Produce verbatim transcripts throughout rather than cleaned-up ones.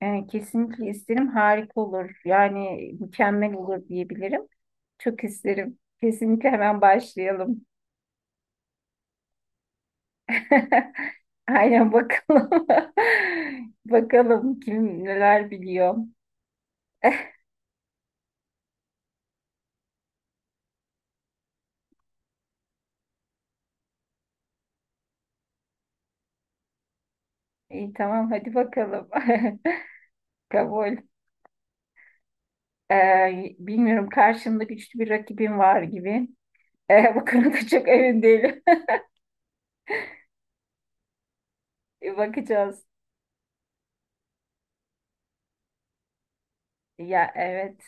E, kesinlikle isterim. Harika olur. Yani mükemmel olur diyebilirim. Çok isterim. Kesinlikle hemen başlayalım. Aynen bakalım. Bakalım kim neler biliyor. İyi, tamam, hadi bakalım. Kabul. Ee, bilmiyorum, karşımda güçlü bir rakibim var gibi. Ee, bu konuda çok emin değilim. Bakacağız. Ya, evet.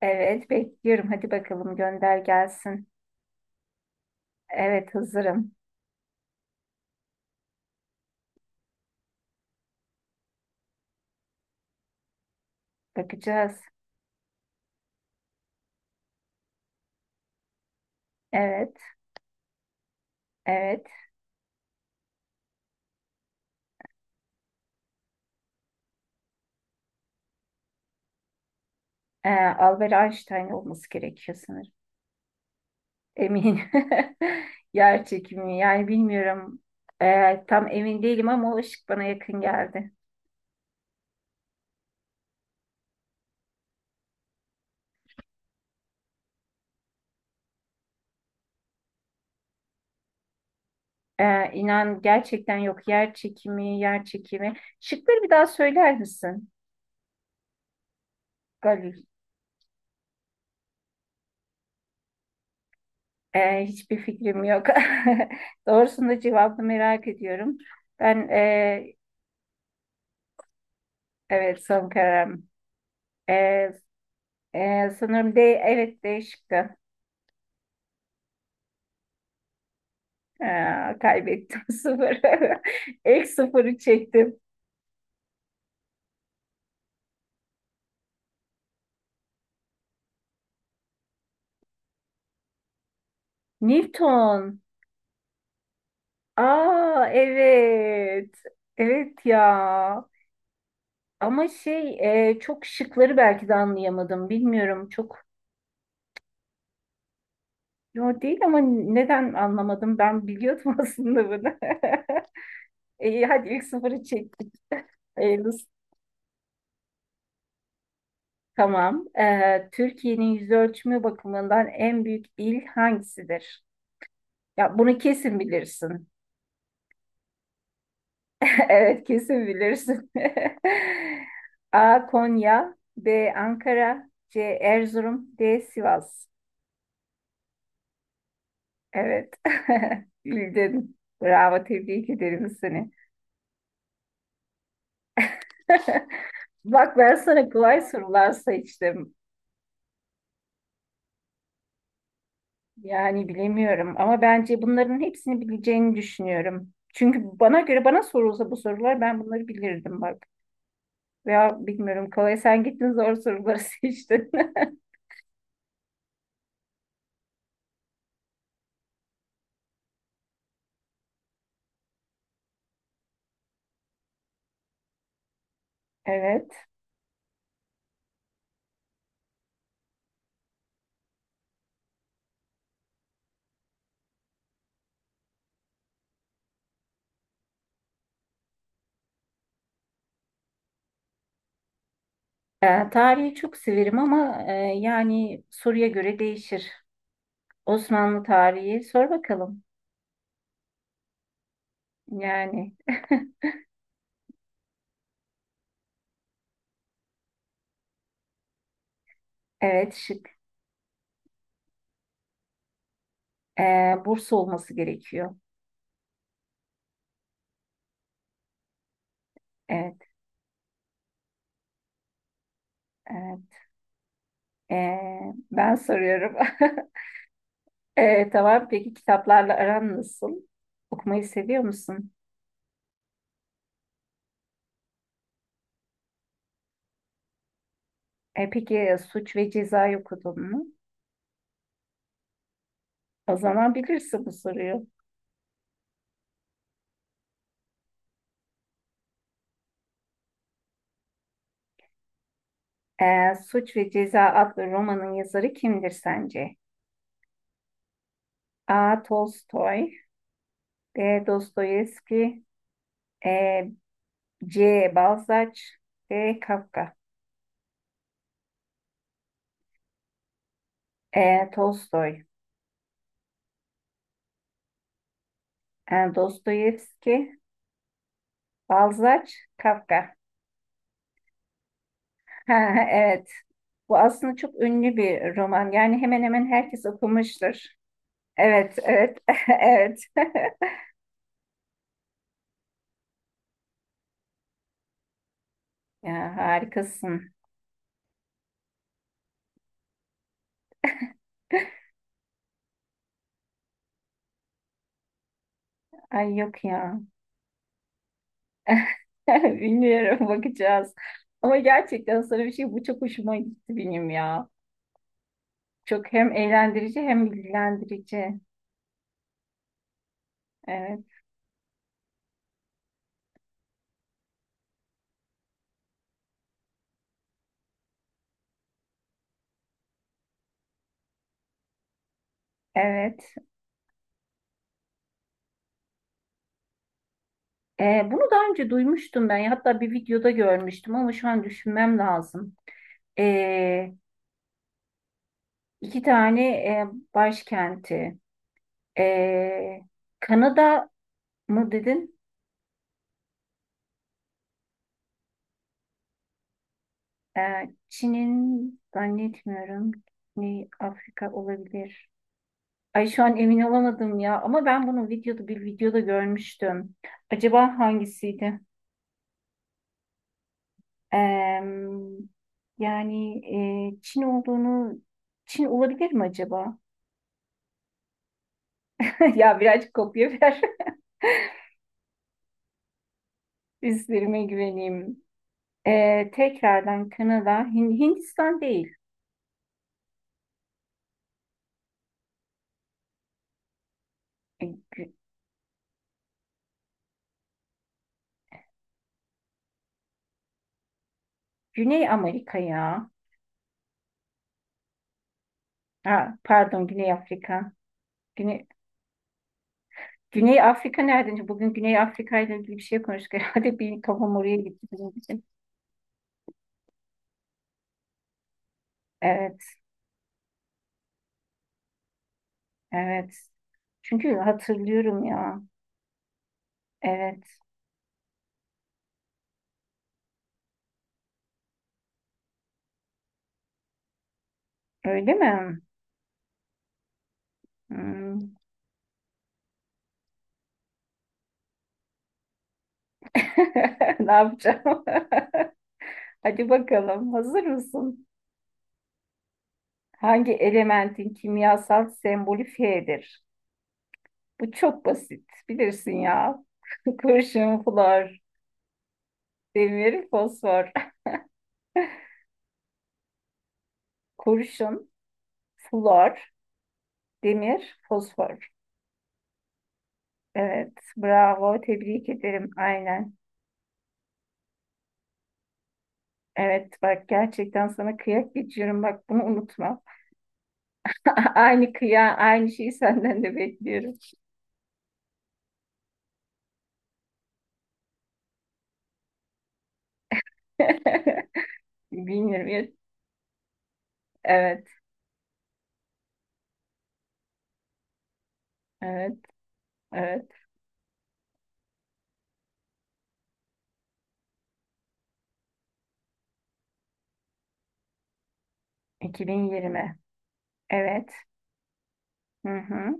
Evet, bekliyorum. Hadi bakalım, gönder gelsin. Evet, hazırım. Bakacağız. Evet, evet. Ee, Albert Einstein olması gerekiyor sanırım. Eminim. Yer çekimi. Yani bilmiyorum. Ee, tam emin değilim ama o ışık bana yakın geldi. Ee, inan gerçekten yok. Yer çekimi, yer çekimi. Şıkları bir daha söyler misin? Galil. Ee, hiçbir fikrim yok. Doğrusunu, cevabını merak ediyorum. Ben ee, evet, son kararım. Ee, ee, Sanırım D, evet D şıkkı. Aa, kaybettim sıfırı. İlk sıfırı çektim. Newton. Aa, evet. Evet ya. Ama şey, e, çok şıkları belki de anlayamadım. Bilmiyorum çok. Yo, değil, ama neden anlamadım? Ben biliyordum aslında bunu. İyi, hadi ilk sıfırı çektik. Hayırlısı. Tamam. Ee, Türkiye'nin yüz ölçümü bakımından en büyük il hangisidir? Ya bunu kesin bilirsin. Evet, kesin bilirsin. A. Konya, B. Ankara, C. Erzurum, D. Sivas. Evet. Bildin. Bravo, tebrik ederim seni. Bak, ben sana kolay sorular seçtim. Yani bilemiyorum ama bence bunların hepsini bileceğini düşünüyorum. Çünkü bana göre, bana sorulsa bu sorular, ben bunları bilirdim bak. Veya bilmiyorum, kolay sen gittin, zor soruları seçtin. Evet. E, tarihi çok severim ama e, yani soruya göre değişir. Osmanlı tarihi sor bakalım. Yani, evet, şık. E, Bursa olması gerekiyor. Evet. E, e, ben soruyorum. E, tamam, peki kitaplarla aran nasıl? Okumayı seviyor musun? E, peki, e, Suç ve Ceza'yı okudun mu? O zaman bilirsin bu soruyu. E, Suç ve Ceza adlı romanın yazarı kimdir sence? A. Tolstoy, B. Dostoyevski, E, C. Balzac, D. Kafka, E. Tolstoy, e, Dostoyevski, Balzac, Kafka. Ha, evet, bu aslında çok ünlü bir roman. Yani hemen hemen herkes okumuştur. Evet, evet, evet. Ya harikasın. Ay, yok ya. Bilmiyorum, bakacağız, ama gerçekten sana bir şey, bu çok hoşuma gitti benim ya. Çok hem eğlendirici hem bilgilendirici. Evet, evet. Ee, bunu daha önce duymuştum ben. Hatta bir videoda görmüştüm ama şu an düşünmem lazım. Ee, iki tane e, başkenti. Ee, Kanada mı dedin? Ee, Çin'in zannetmiyorum. Ne, Afrika olabilir. Ay, şu an emin olamadım ya. Ama ben bunu videoda, bir videoda görmüştüm. Acaba hangisiydi? Ee, Yani, e, Çin olduğunu Çin olabilir mi acaba? Ya birazcık kopya ver. Üstlerime güveneyim. Ee, tekrardan Kanada, Hin- Hindistan değil. E, Gü- Güney Amerika ya. Ha, pardon, Güney Afrika. Güney, Güney Afrika nereden? Bugün Güney Afrika ile ilgili bir şey konuştuk. Herhalde bir kafam oraya gitti bizim için. Evet, evet. Çünkü hatırlıyorum ya. Evet. Öyle mi? Hmm. Ne yapacağım? Hadi bakalım. Hazır mısın? Hangi elementin kimyasal sembolü Fe'dir? Bu çok basit. Bilirsin ya. Kurşun, flor, demir, fosfor. Kurşun, flor, demir, fosfor. Evet, bravo. Tebrik ederim. Aynen. Evet, bak gerçekten sana kıyak geçiyorum. Bak, bunu unutma. Aynı kıya, aynı şeyi senden de bekliyorum. iki bin yirmi. Evet, evet, evet. iki bin yirmi. Evet. Hı hı.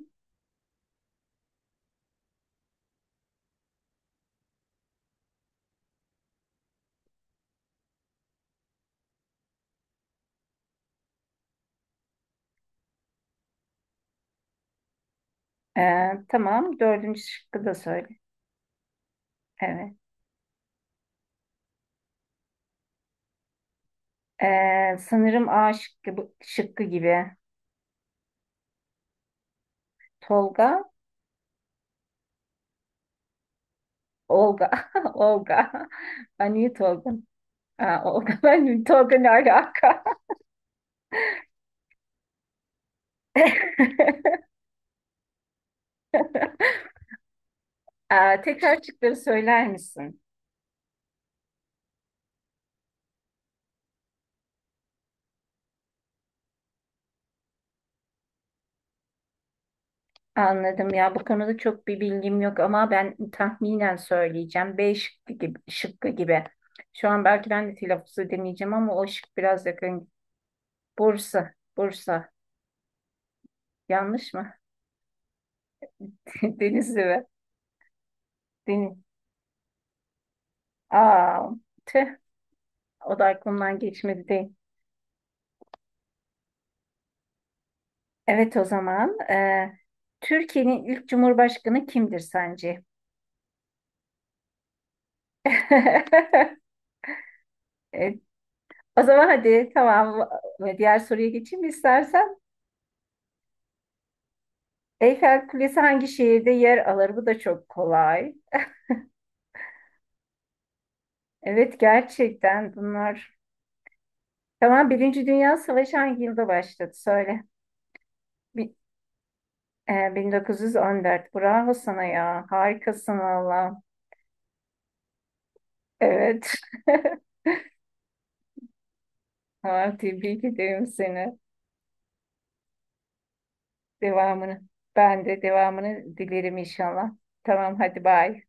Ee, tamam. Dördüncü şıkkı da söyle. Evet. Ee, sanırım A şıkkı, bu- şıkkı gibi. Tolga, Olga, Olga. Ben niye Tolga? Ha, Olga. Ben Tolga, ne alaka? Ee, tekrar şıkları söyler misin? Anladım ya. Bu konuda çok bir bilgim yok ama ben tahminen söyleyeceğim. B şıkkı gibi, şıkkı gibi. Şu an belki ben de telaffuz edemeyeceğim ama o şık biraz yakın. Bursa, Bursa. Yanlış mı? Denizli mi? Deniz. Aa, tüh, o da aklımdan geçmedi değil. Evet, o zaman e, Türkiye'nin ilk cumhurbaşkanı kimdir sence? E, O zaman hadi tamam, e, diğer soruya geçeyim mi istersen. Eyfel Kulesi hangi şehirde yer alır? Bu da çok kolay. Evet, gerçekten bunlar. Tamam, Birinci Dünya Savaşı hangi yılda başladı? Söyle. Bi- e, bin dokuz yüz on dört. Bravo sana ya. Harikasın valla. Evet. Ha, tebrik ederim seni. Devamını. Ben de devamını dilerim inşallah. Tamam, hadi bay.